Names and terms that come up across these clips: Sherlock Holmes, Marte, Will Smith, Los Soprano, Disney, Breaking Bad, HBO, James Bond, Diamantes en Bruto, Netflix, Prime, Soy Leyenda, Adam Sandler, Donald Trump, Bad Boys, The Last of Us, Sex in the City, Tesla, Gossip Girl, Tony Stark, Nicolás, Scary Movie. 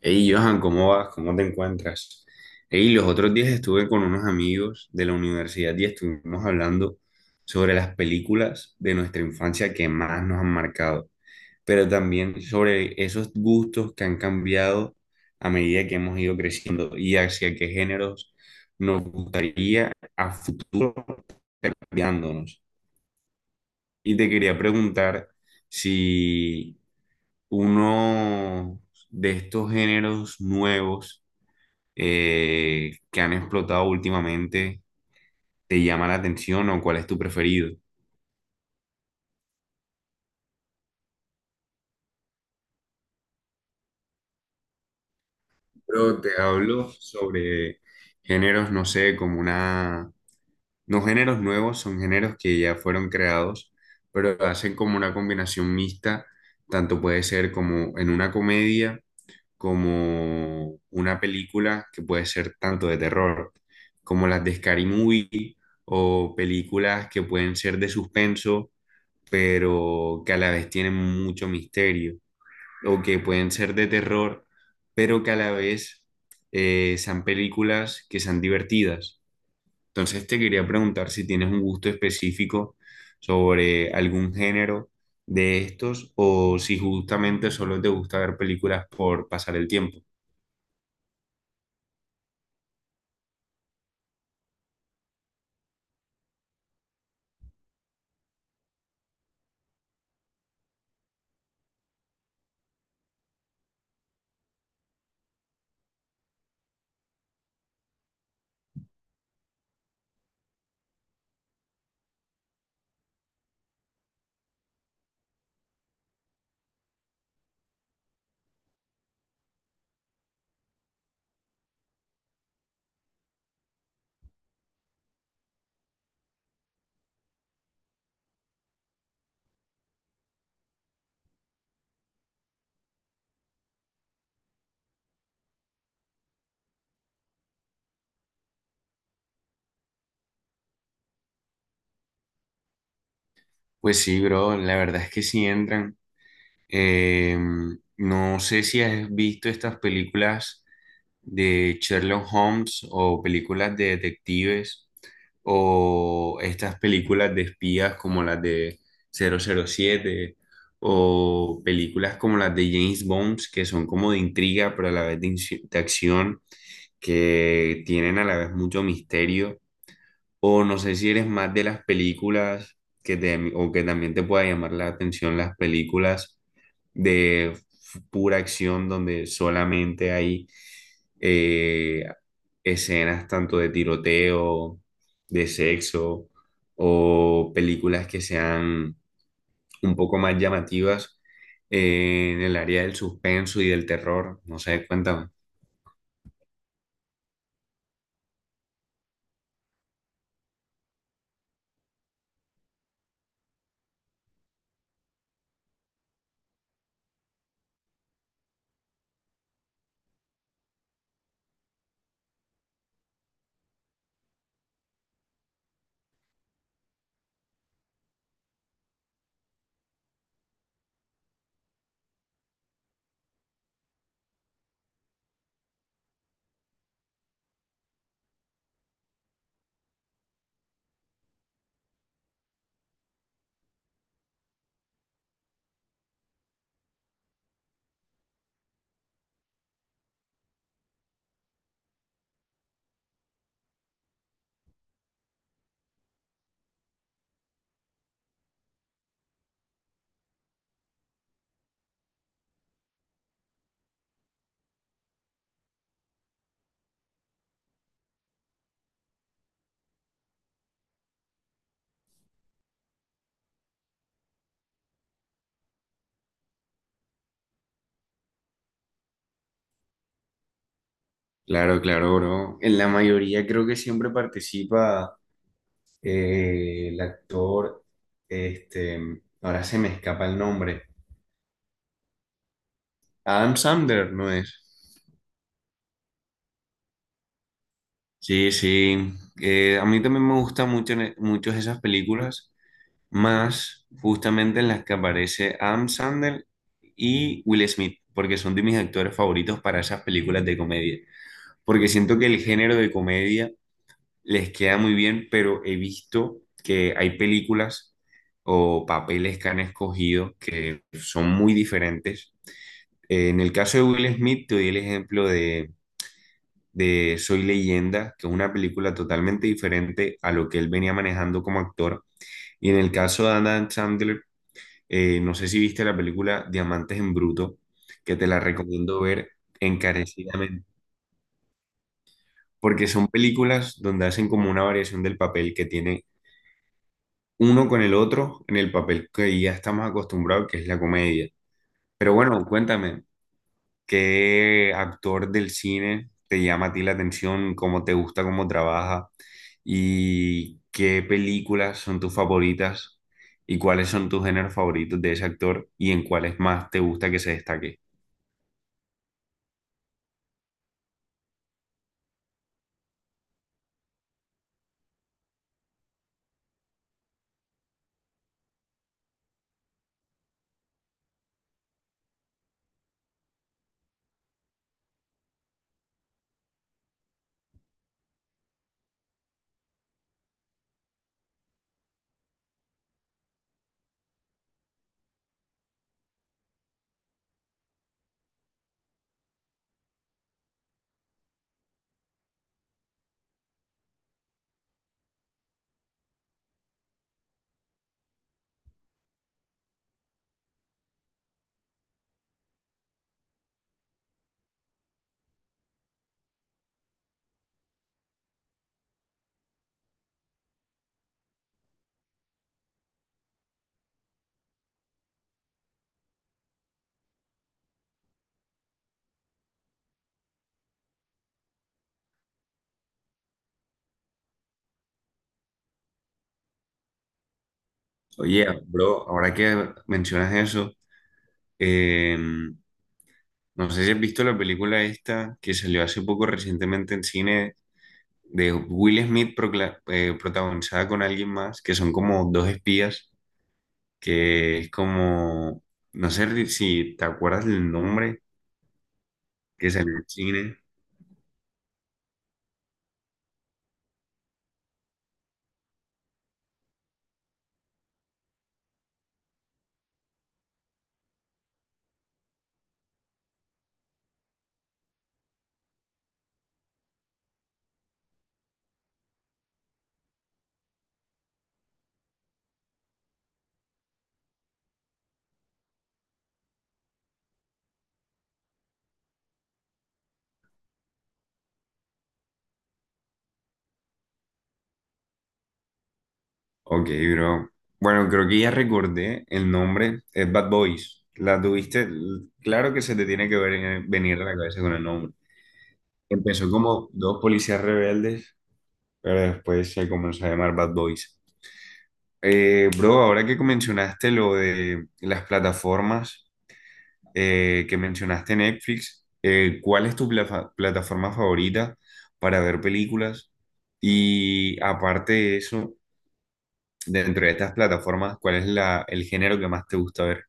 Hey, Johan, ¿cómo vas? ¿Cómo te encuentras? Hey, los otros días estuve con unos amigos de la universidad y estuvimos hablando sobre las películas de nuestra infancia que más nos han marcado, pero también sobre esos gustos que han cambiado a medida que hemos ido creciendo y hacia qué géneros nos gustaría a futuro cambiándonos. Y te quería preguntar si uno de estos géneros nuevos que han explotado últimamente, ¿te llama la atención o cuál es tu preferido? Pero te hablo sobre géneros, no sé, como una... No, géneros nuevos, son géneros que ya fueron creados, pero hacen como una combinación mixta, tanto puede ser como en una comedia, como una película que puede ser tanto de terror, como las de Scary Movie, o películas que pueden ser de suspenso pero que a la vez tienen mucho misterio, o que pueden ser de terror, pero que a la vez sean películas que sean divertidas. Entonces te quería preguntar si tienes un gusto específico sobre algún género de estos, o si justamente solo te gusta ver películas por pasar el tiempo. Pues sí, bro, la verdad es que sí entran. Eh, no sé si has visto estas películas de Sherlock Holmes, o películas de detectives, o estas películas de espías como las de cero cero siete, o películas como las de James Bond que son como de intriga pero a la vez de, de acción, que tienen a la vez mucho misterio, o no sé si eres más de las películas que te, o que también te pueda llamar la atención las películas de pura acción, donde solamente hay eh, escenas tanto de tiroteo, de sexo, o películas que sean un poco más llamativas en el área del suspenso y del terror. No sé, cuéntame. Claro, claro, bro. En la mayoría creo que siempre participa el actor, este, ahora se me escapa el nombre. Adam Sandler, ¿no es? Sí, sí. A mí también me gustan mucho, muchos esas películas, más justamente en las que aparece Adam Sandler y Will Smith, porque son de mis actores favoritos para esas películas de comedia. Porque siento que el género de comedia les queda muy bien, pero he visto que hay películas o papeles que han escogido que son muy diferentes. En el caso de Will Smith, te doy el ejemplo de Soy Leyenda, que es una película totalmente diferente a lo que él venía manejando como actor. Y en el caso de Adam Sandler, no sé si viste la película Diamantes en Bruto, que te la recomiendo ver encarecidamente, porque son películas donde hacen como una variación del papel que tiene uno con el otro en el papel que ya estamos acostumbrados, que es la comedia. Pero bueno, cuéntame, ¿qué actor del cine te llama a ti la atención? ¿Cómo te gusta, cómo trabaja? ¿Y qué películas son tus favoritas? ¿Y cuáles son tus géneros favoritos de ese actor? ¿Y en cuáles más te gusta que se destaque? Oye, bro, ahora que mencionas eso, eh, no sé si has visto la película esta que salió hace poco recientemente en cine, de Will Smith protagonizada con alguien más, que son como dos espías, que es como, no sé si te acuerdas del nombre, que salió en cine. Ok, bro. Bueno, creo que ya recordé el nombre, es Bad Boys. La tuviste, claro que se te tiene que venir a la cabeza con el nombre. Empezó como dos policías rebeldes, pero después se comenzó a llamar Bad Boys. Bro, ahora que mencionaste lo de las plataformas, que mencionaste Netflix, ¿cuál es tu plataforma favorita para ver películas? Y aparte de eso, dentro de estas plataformas, ¿cuál es la, el género que más te gusta ver?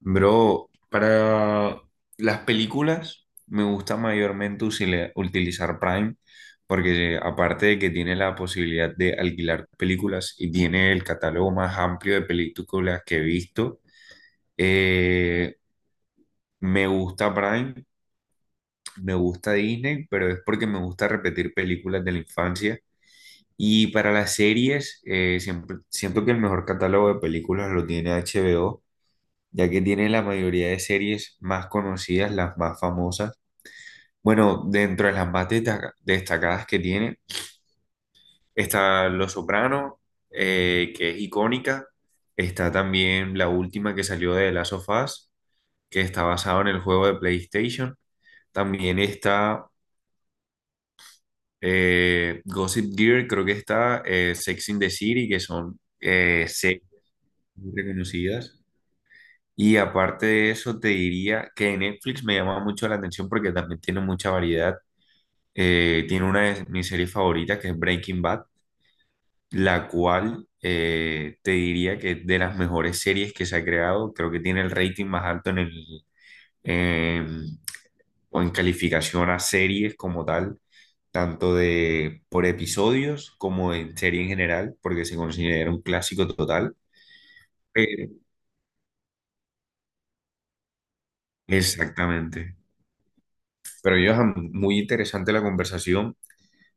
Bro, para las películas me gusta mayormente utilizar Prime, porque aparte de que tiene la posibilidad de alquilar películas y tiene el catálogo más amplio de películas que he visto, eh, me gusta Prime. Me gusta Disney, pero es porque me gusta repetir películas de la infancia. Y para las series, siempre, siento que el mejor catálogo de películas lo tiene HBO, ya que tiene la mayoría de series más conocidas, las más famosas. Bueno, dentro de las más destacadas que tiene, está Los Soprano, que es icónica. Está también la última que salió de The Last of Us, que está basado en el juego de PlayStation. También está Gossip Girl, creo que está Sex in the City, que son series muy reconocidas. Y aparte de eso, te diría que Netflix me llama mucho la atención porque también tiene mucha variedad. Tiene una de mis series favoritas, que es Breaking Bad, la cual te diría que es de las mejores series que se ha creado. Creo que tiene el rating más alto en el, em, o en calificación a series como tal, tanto de por episodios como en serie en general, porque se considera un clásico total. Eh, exactamente. Pero yo, muy interesante la conversación.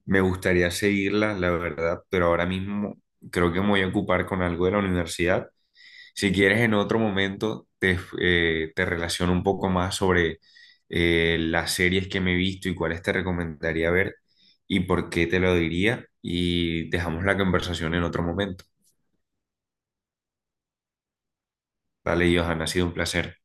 Me gustaría seguirla, la verdad, pero ahora mismo creo que me voy a ocupar con algo de la universidad. Si quieres, en otro momento te, te relaciono un poco más sobre las series que me he visto y cuáles te recomendaría ver y por qué te lo diría. Y dejamos la conversación en otro momento. Vale, Johan, ha sido un placer.